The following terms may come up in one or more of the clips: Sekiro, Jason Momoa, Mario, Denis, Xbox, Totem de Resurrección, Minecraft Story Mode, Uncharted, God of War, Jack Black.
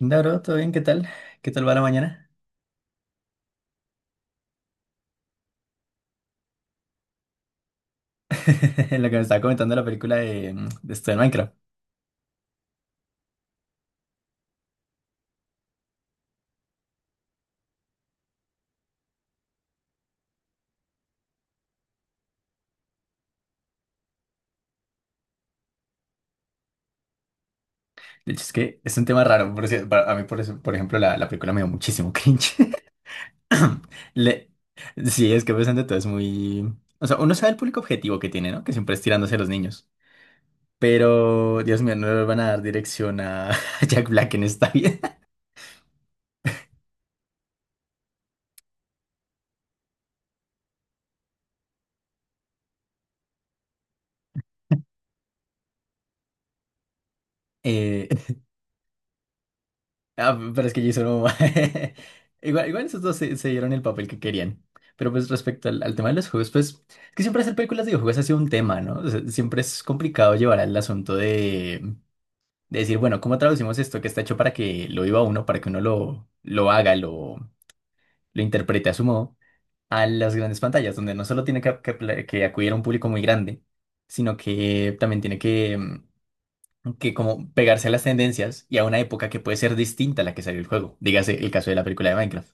Hola, bro, ¿todo bien? ¿Qué tal? ¿Qué tal va la mañana? Lo que me estaba comentando la película de esto de Minecraft. De hecho, es que es un tema raro. A mí, por eso, por ejemplo, la película me dio muchísimo cringe. Le, sí, es que pensando todo es muy... O sea, uno sabe el público objetivo que tiene, ¿no? Que siempre es tirándose a los niños. Pero, Dios mío, no le van a dar dirección a Jack Black en esta vida. Eh, Ah, pero es que Jason Momoa. Igual esos dos se dieron el papel que querían. Pero pues respecto al tema de los juegos, pues es que siempre hacer películas de videojuegos ha sido un tema, ¿no? O sea, siempre es complicado llevar al asunto de decir, bueno, ¿cómo traducimos esto que está hecho para que lo viva uno, para que uno lo haga, lo interprete a su modo, a las grandes pantallas, donde no solo tiene que acudir a un público muy grande, sino que también tiene que como pegarse a las tendencias y a una época que puede ser distinta a la que salió el juego. Dígase el caso de la película de Minecraft.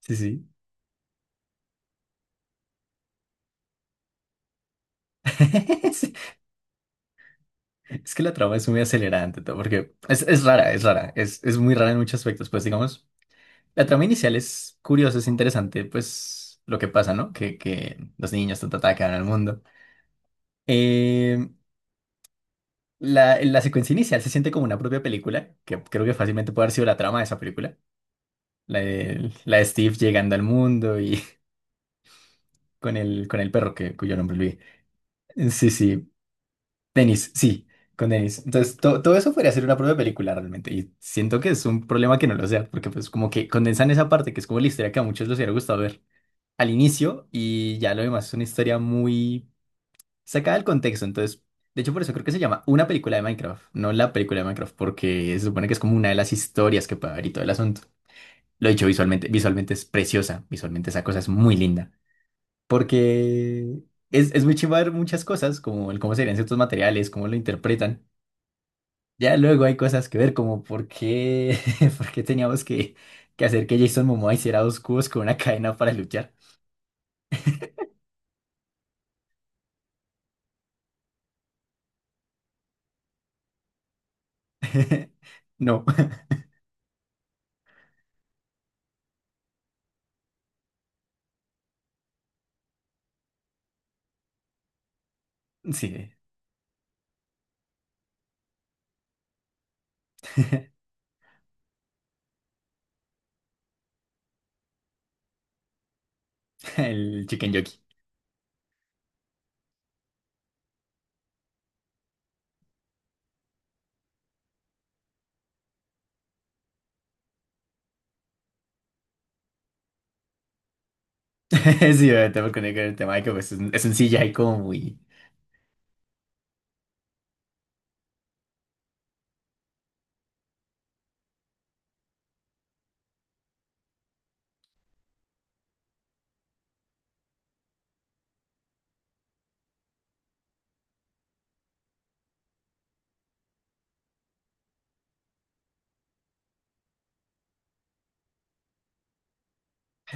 Sí, sí. Sí, es que la trama es muy acelerada ante todo, porque es rara, es rara, es muy rara en muchos aspectos. Pues digamos, la trama inicial es curiosa, es interesante, pues lo que pasa, ¿no? Que los niños quedan al mundo. Eh, la secuencia inicial se siente como una propia película, que creo que fácilmente puede haber sido la trama de esa película. La de Steve llegando al mundo y con el perro que, cuyo nombre olvidé. Sí, sí, Denis, sí, con Denis. Entonces, todo eso podría ser una prueba de película realmente. Y siento que es un problema que no lo sea, porque pues como que condensan esa parte, que es como la historia que a muchos les hubiera gustado ver al inicio, y ya lo demás es una historia muy sacada del contexto. Entonces, de hecho, por eso creo que se llama una película de Minecraft, no la película de Minecraft, porque se supone que es como una de las historias que puede haber y todo el asunto. Lo he dicho visualmente, visualmente es preciosa, visualmente esa cosa es muy linda. Porque es muy chimba ver muchas cosas, como el cómo serían ciertos materiales, cómo lo interpretan. Ya luego hay cosas que ver, como por qué, por qué teníamos que hacer que Jason Momoa hiciera dos cubos con una cadena para luchar. No, sí, el chicken jockey. Sí, obviamente, porque con el tema de que pues, es un CGI como muy...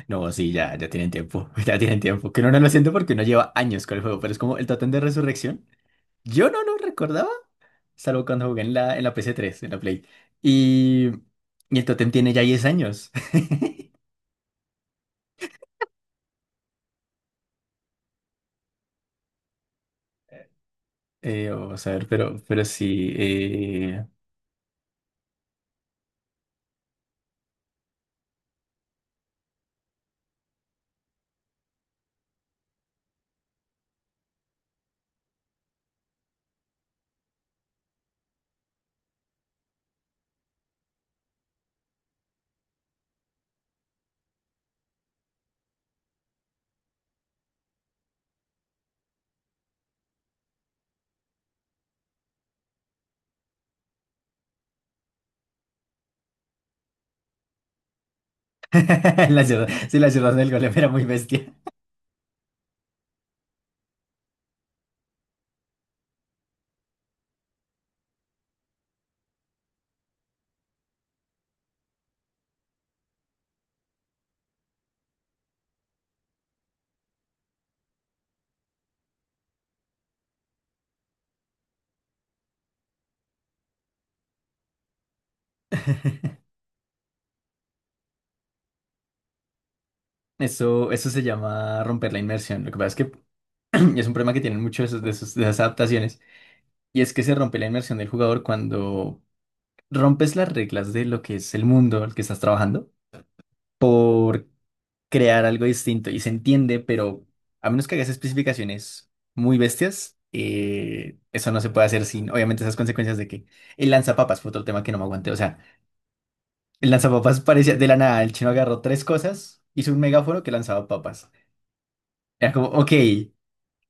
No, sí, ya, ya tienen tiempo, ya tienen tiempo. Que uno no lo siente porque uno lleva años con el juego, pero es como el Totem de Resurrección. Yo no lo recordaba. Salvo cuando jugué en la PS3 en la Play. Y, y el Totem tiene ya 10 años. Vamos a ver, pero sí. La ciudad, sí, la ciudad del golem era muy bestia. Eso se llama romper la inmersión. Lo que pasa es que es un problema que tienen muchos de esas adaptaciones. Y es que se rompe la inmersión del jugador cuando rompes las reglas de lo que es el mundo al que estás trabajando crear algo distinto y se entiende, pero a menos que hagas especificaciones muy bestias, eso no se puede hacer sin, obviamente, esas consecuencias de que el lanzapapas fue otro tema que no me aguanté. O sea, el lanzapapas parecía de la nada, el chino agarró tres cosas, hizo un megáforo que lanzaba papas. Era como, ok,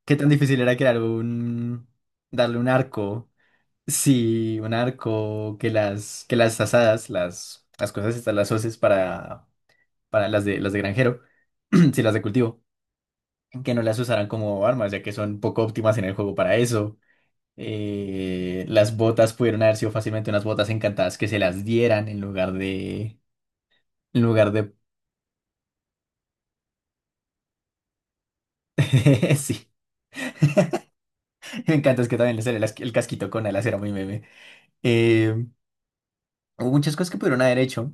¿qué tan difícil era darle un arco? Sí, un arco, que las asadas, las cosas estas, las hoces para las de granjero, si las de cultivo que no las usarán como armas, ya que son poco óptimas en el juego para eso. Las botas pudieron haber sido fácilmente unas botas encantadas que se las dieran en lugar de. En lugar de... Sí, me encanta, es que también le sale el casquito con alas, era muy meme. Eh, Hubo muchas cosas que pudieron haber hecho.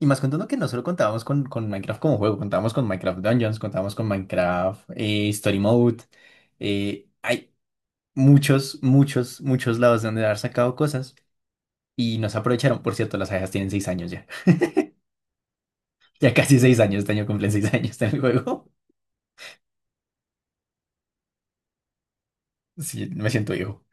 Y más contando que no solo contábamos con Minecraft como juego, contábamos con Minecraft Dungeons, contábamos con Minecraft Story Mode. Hay muchos, muchos, muchos lados de donde haber sacado cosas. Y nos aprovecharon, por cierto, las abejas tienen 6 años ya. Ya casi 6 años, este año cumplen 6 años en el juego. Sí, me siento viejo.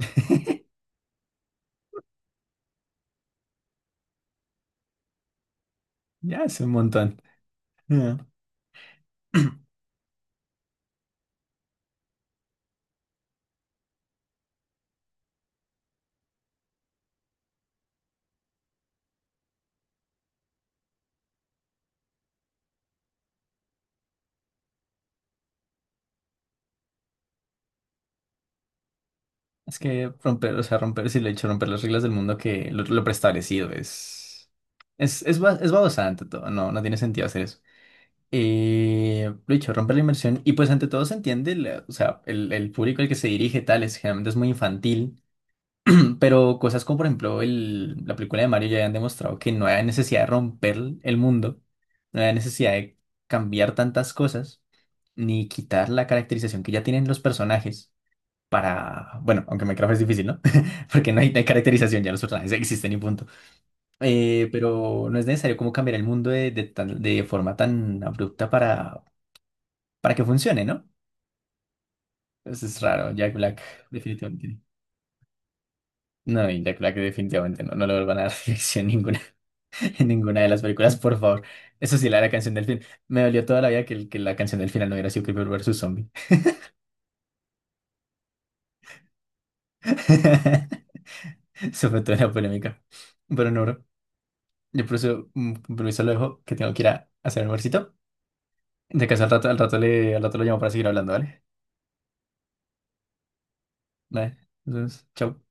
Ya es un montón. Ah. Es que romper, o sea, romper, si le he hecho romper las reglas del mundo que lo preestablecido es. Es babosa ante todo, no, no tiene sentido hacer eso. Lo dicho, romper la inmersión y pues ante todo se entiende, o sea, el público al que se dirige tal es generalmente es muy infantil. Pero cosas como, por ejemplo, la película de Mario ya han demostrado que no hay necesidad de romper el mundo, no hay necesidad de cambiar tantas cosas, ni quitar la caracterización que ya tienen los personajes para, bueno, aunque Minecraft es difícil, ¿no? Porque no hay, no hay caracterización, ya los personajes existen y punto. Pero no es necesario como cambiar el mundo de forma tan abrupta para que funcione, ¿no? Eso es raro, Jack Black definitivamente. No, y Jack Black definitivamente no, no le vuelvan a dar dirección ninguna. En ninguna de las películas, por favor. Eso sí, la canción del fin. Me dolió toda la vida que la canción del final no hubiera sido Creeper versus Zombie. Sobre todo en la polémica. Pero no, bro. Yo por eso, con permiso, lo dejo, que tengo que ir a hacer el almuercito. De casa al rato, al rato lo llamo para seguir hablando, ¿vale? Vale. Entonces, chao.